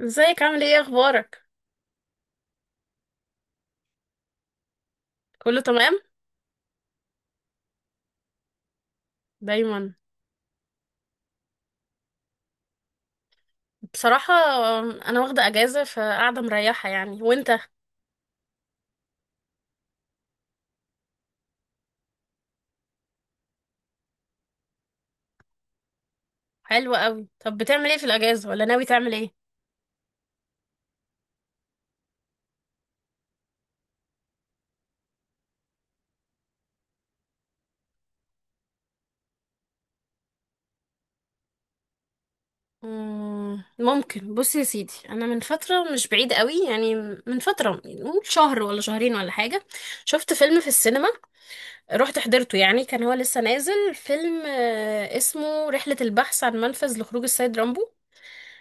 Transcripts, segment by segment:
ازيك؟ عامل ايه؟ اخبارك؟ كله تمام. دايما. بصراحة انا واخدة اجازة فقاعدة مريحة يعني، وانت؟ حلو قوي. طب بتعمل ايه في الاجازة ولا ناوي تعمل ايه؟ ممكن. بص يا سيدي، انا من فترة مش بعيد قوي يعني، من فترة نقول شهر ولا شهرين ولا حاجة، شفت فيلم في السينما. رحت حضرته يعني، كان هو لسه نازل فيلم اسمه رحلة البحث عن منفذ لخروج السيد رامبو.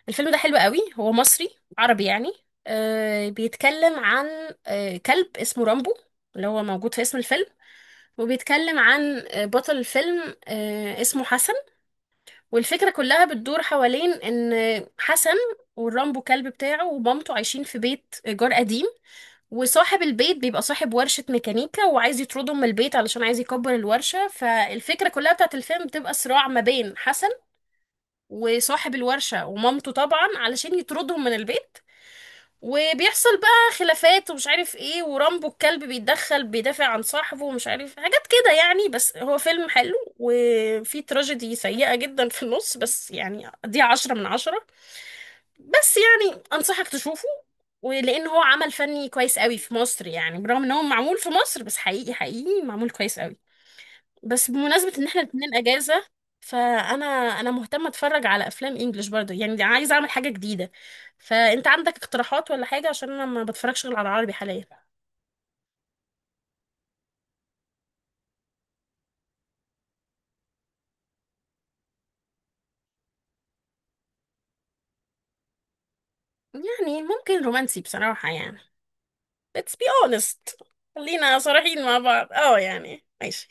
الفيلم ده حلو قوي، هو مصري عربي يعني. آه بيتكلم عن كلب اسمه رامبو اللي هو موجود في اسم الفيلم. وبيتكلم عن بطل الفيلم اسمه حسن. والفكرة كلها بتدور حوالين ان حسن والرامبو كلب بتاعه ومامته عايشين في بيت إيجار قديم، وصاحب البيت بيبقى صاحب ورشة ميكانيكا وعايز يطردهم من البيت علشان عايز يكبر الورشة. فالفكرة كلها بتاعت الفيلم بتبقى صراع ما بين حسن وصاحب الورشة ومامته طبعا علشان يطردهم من البيت. وبيحصل بقى خلافات ومش عارف ايه، ورامبو الكلب بيتدخل بيدافع عن صاحبه ومش عارف حاجات كده يعني. بس هو فيلم حلو، وفي تراجيدي سيئة جدا في النص، بس يعني دي 10/10. بس يعني أنصحك تشوفه، ولأن هو عمل فني كويس قوي في مصر يعني، برغم ان هو معمول في مصر بس حقيقي حقيقي معمول كويس قوي. بس بمناسبة ان احنا الاتنين اجازة، فانا انا مهتمة اتفرج على افلام انجلش برضه يعني، عايزة اعمل حاجة جديدة. فانت عندك اقتراحات ولا حاجة؟ عشان انا ما بتفرجش غير على العربي حاليا. يعني ممكن رومانسي بصراحة يعني. Let's be honest. خلينا صريحين مع بعض، اه يعني ماشي.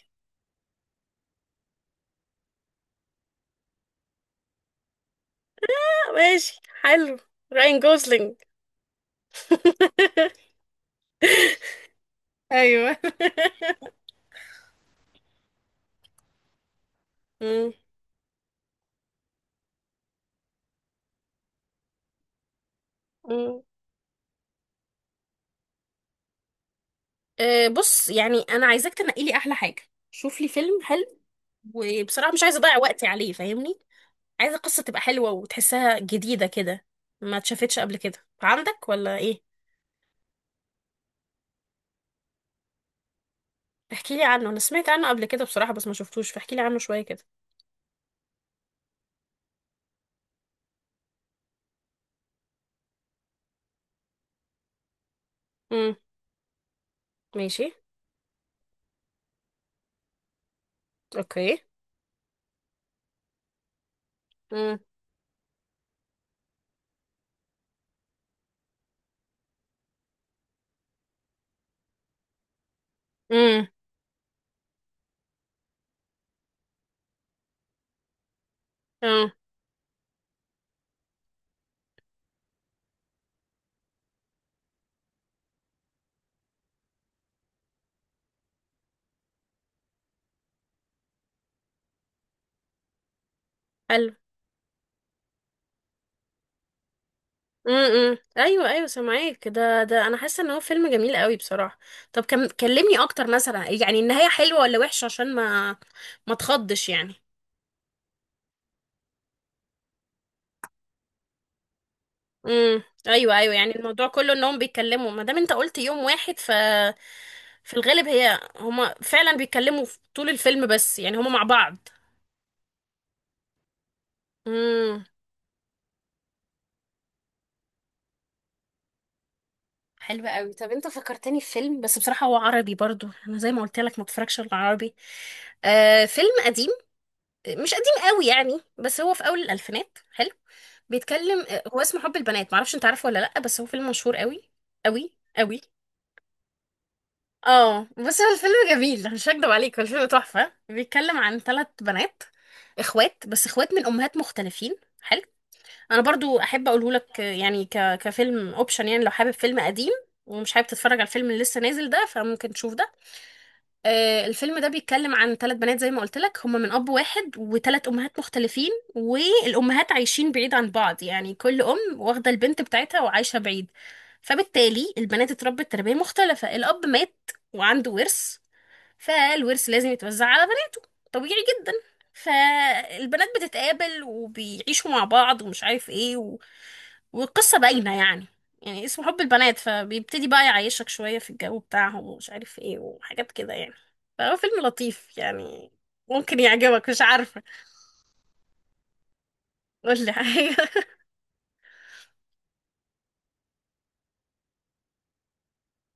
آه، ماشي حلو. راين جوزلينج. ايوه. مم. مم. بص يعني انا عايزاك تنقي لي احلى حاجة. شوف لي فيلم حلو. وبصراحة مش عايزة أضيع وقتي عليه، فاهمني؟ عايزة القصة تبقى حلوة وتحسها جديدة كده، ما اتشافتش قبل كده، عندك ولا إيه؟ احكي لي عنه، أنا سمعت عنه قبل كده بصراحة بس ما شفتوش، فاحكي لي عنه شوية كده. امم. ماشي. أوكي. امم. امم. اه. حلو. ايوه ايوه سامعاك. ده انا حاسه ان هو فيلم جميل قوي بصراحه. طب كم كلمني اكتر مثلا، يعني النهايه حلوه ولا وحشه عشان ما تخضش يعني. ايوه ايوه، يعني الموضوع كله انهم بيتكلموا، ما دام انت قلت يوم واحد ف في الغالب هي هما فعلا بيتكلموا في طول الفيلم، بس يعني هما مع بعض. امم. حلو قوي. طب انت فكرتني في فيلم، بس بصراحة هو عربي برضو، انا زي ما قلت لك ما اتفرجش على العربي. آه فيلم قديم، مش قديم قوي يعني، بس هو في اول الالفينات، حلو. بيتكلم هو اسمه حب البنات، معرفش انت عارفه ولا لا، بس هو فيلم مشهور قوي قوي قوي. اه بس هو الفيلم جميل، مش هكدب عليك هو الفيلم تحفة. بيتكلم عن ثلاث بنات اخوات، بس اخوات من امهات مختلفين، حلو. انا برضو احب اقوله لك، يعني كفيلم اوبشن، يعني لو حابب فيلم قديم ومش حابب تتفرج على الفيلم اللي لسه نازل ده، فممكن تشوف ده. آه الفيلم ده بيتكلم عن ثلاث بنات زي ما قلت لك، هما من اب واحد وثلاث امهات مختلفين، والامهات عايشين بعيد عن بعض، يعني كل ام واخده البنت بتاعتها وعايشه بعيد. فبالتالي البنات اتربت تربيه مختلفه. الاب مات وعنده ورث، فالورث لازم يتوزع على بنات، طبيعي جدا. فالبنات بتتقابل وبيعيشوا مع بعض ومش عارف ايه والقصة باينة يعني. يعني اسمه حب البنات فبيبتدي بقى يعيشك شوية في الجو بتاعهم ومش عارف ايه وحاجات كده يعني. فهو فيلم لطيف يعني، ممكن يعجبك مش عارفة. قول لي حاجة.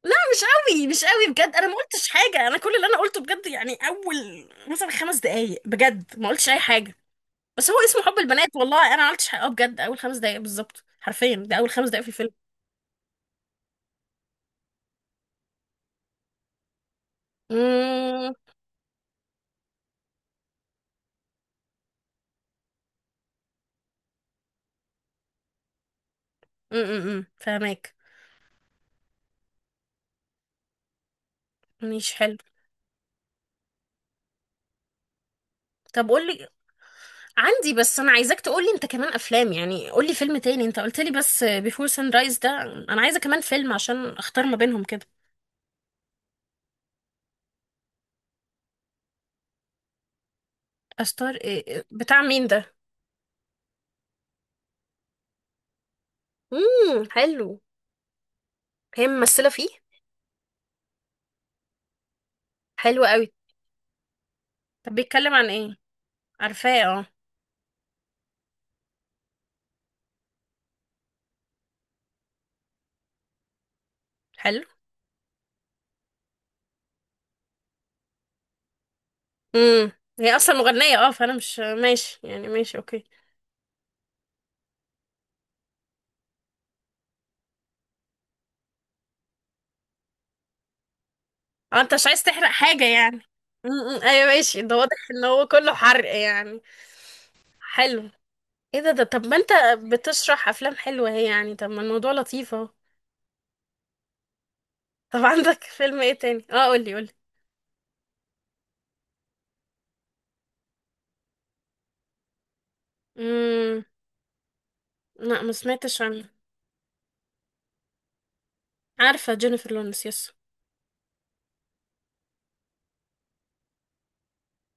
لا مش قوي مش قوي بجد، انا ما قلتش حاجة، انا كل اللي انا قلته بجد يعني اول مثلا 5 دقايق، بجد ما قلتش اي حاجة. بس هو اسمه حب البنات والله، انا ما عملتش حقها، بجد اول 5 دقايق بالظبط حرفيا، ده اول 5 دقايق في الفيلم. امم. فهماك. مش حلو. طب قول لي. عندي بس انا عايزاك تقول لي انت كمان افلام، يعني قول لي فيلم تاني، انت قلت لي بس بيفور سان رايز ده، انا عايزه كمان فيلم عشان اختار ما بينهم كده. استار إيه بتاع مين ده؟ حلو. هي ممثله فيه؟ حلو قوي. طب بيتكلم عن ايه؟ عارفاه اه. حلو. امم. هي اصلا مغنيه اه، فانا مش ماشي يعني، ماشي اوكي. اه انت مش عايز تحرق حاجة يعني. ايوه ماشي، ده واضح ان هو كله حرق يعني. حلو. ايه ده؟ طب ما انت بتشرح افلام حلوة اهي يعني، طب ما الموضوع لطيف اهو. طب عندك فيلم ايه تاني؟ اه قولي قولي. امم. لا ما سمعتش عنه. عارفة جينيفر لورنس يس.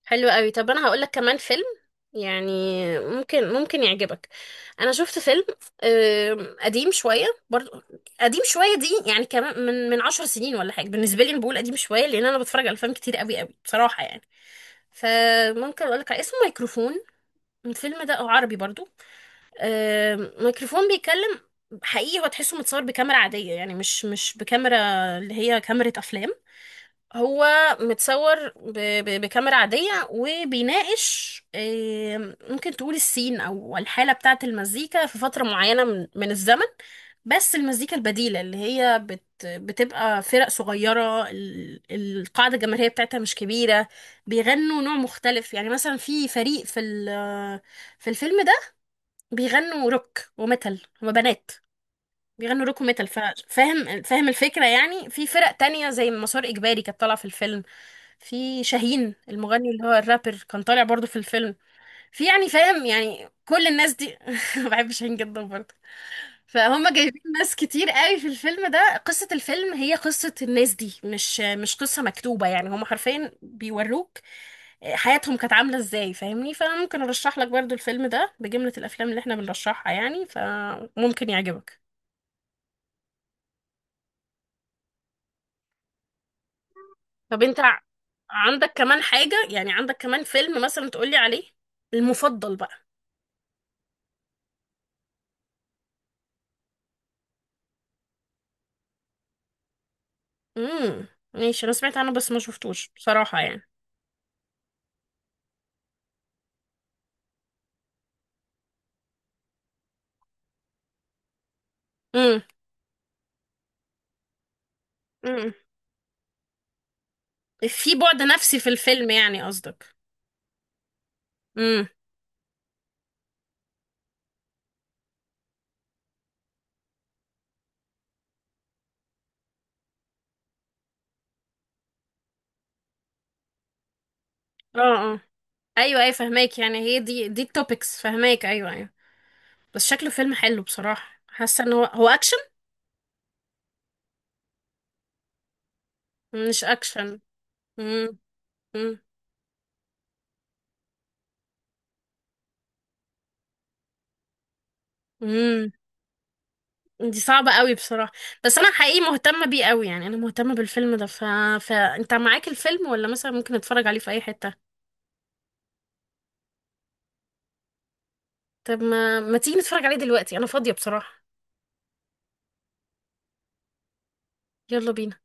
حلو قوي. طب انا هقول لك كمان فيلم، يعني ممكن يعجبك. انا شفت فيلم، قديم شويه برضو، قديم شويه دي يعني، كمان من 10 سنين ولا حاجه، بالنسبه لي انا بقول قديم شويه لان انا بتفرج على افلام كتير قوي قوي بصراحه يعني. فممكن اقول لك على اسمه ميكروفون. الفيلم ده عربي برضو. ميكروفون بيتكلم، حقيقي هو تحسه متصور بكاميرا عاديه يعني، مش بكاميرا اللي هي كاميرا افلام، هو متصور بكاميرا عادية وبيناقش، ممكن تقول السين أو الحالة بتاعة المزيكا في فترة معينة من الزمن. بس المزيكا البديلة اللي هي بتبقى فرق صغيرة، القاعدة الجماهيرية بتاعتها مش كبيرة، بيغنوا نوع مختلف. يعني مثلا في فريق في في الفيلم ده بيغنوا روك وميتال، هما بنات بيغنوا روك ميتال فاهم فاهم الفكرة يعني. في فرق تانية زي مسار إجباري كانت طالعة في الفيلم، في شاهين المغني اللي هو الرابر كان طالع برضو في الفيلم. في يعني فاهم يعني كل الناس دي بحب شاهين جدا برضو. فهم جايبين ناس كتير قوي في الفيلم ده، قصة الفيلم هي قصة الناس دي، مش قصة مكتوبة يعني، هم حرفيا بيوروك حياتهم كانت عاملة ازاي، فاهمني؟ فممكن ارشح لك برضو الفيلم ده بجملة الافلام اللي احنا بنرشحها يعني، فممكن يعجبك. طب انت عندك كمان حاجة يعني، عندك كمان فيلم مثلا تقولي عليه المفضل بقى. امم ماشي. انا سمعت عنه بس ما شفتوش بصراحة يعني. امم. امم. في بعد نفسي في الفيلم يعني قصدك؟ امم. اه. اه. ايوه ايوه فهماك، يعني هي دي التوبكس، فهماك ايوه ايوه. بس شكله فيلم حلو بصراحة، حاسة ان هو اكشن. مش اكشن. امم. امم. دي صعبة قوي بصراحة. بس انا حقيقي مهتمة بيه قوي، يعني انا مهتمة بالفيلم ده فانت معاك الفيلم ولا مثلا ممكن نتفرج عليه في اي حتة؟ طب ما تيجي نتفرج عليه دلوقتي انا فاضية بصراحة. يلا بينا.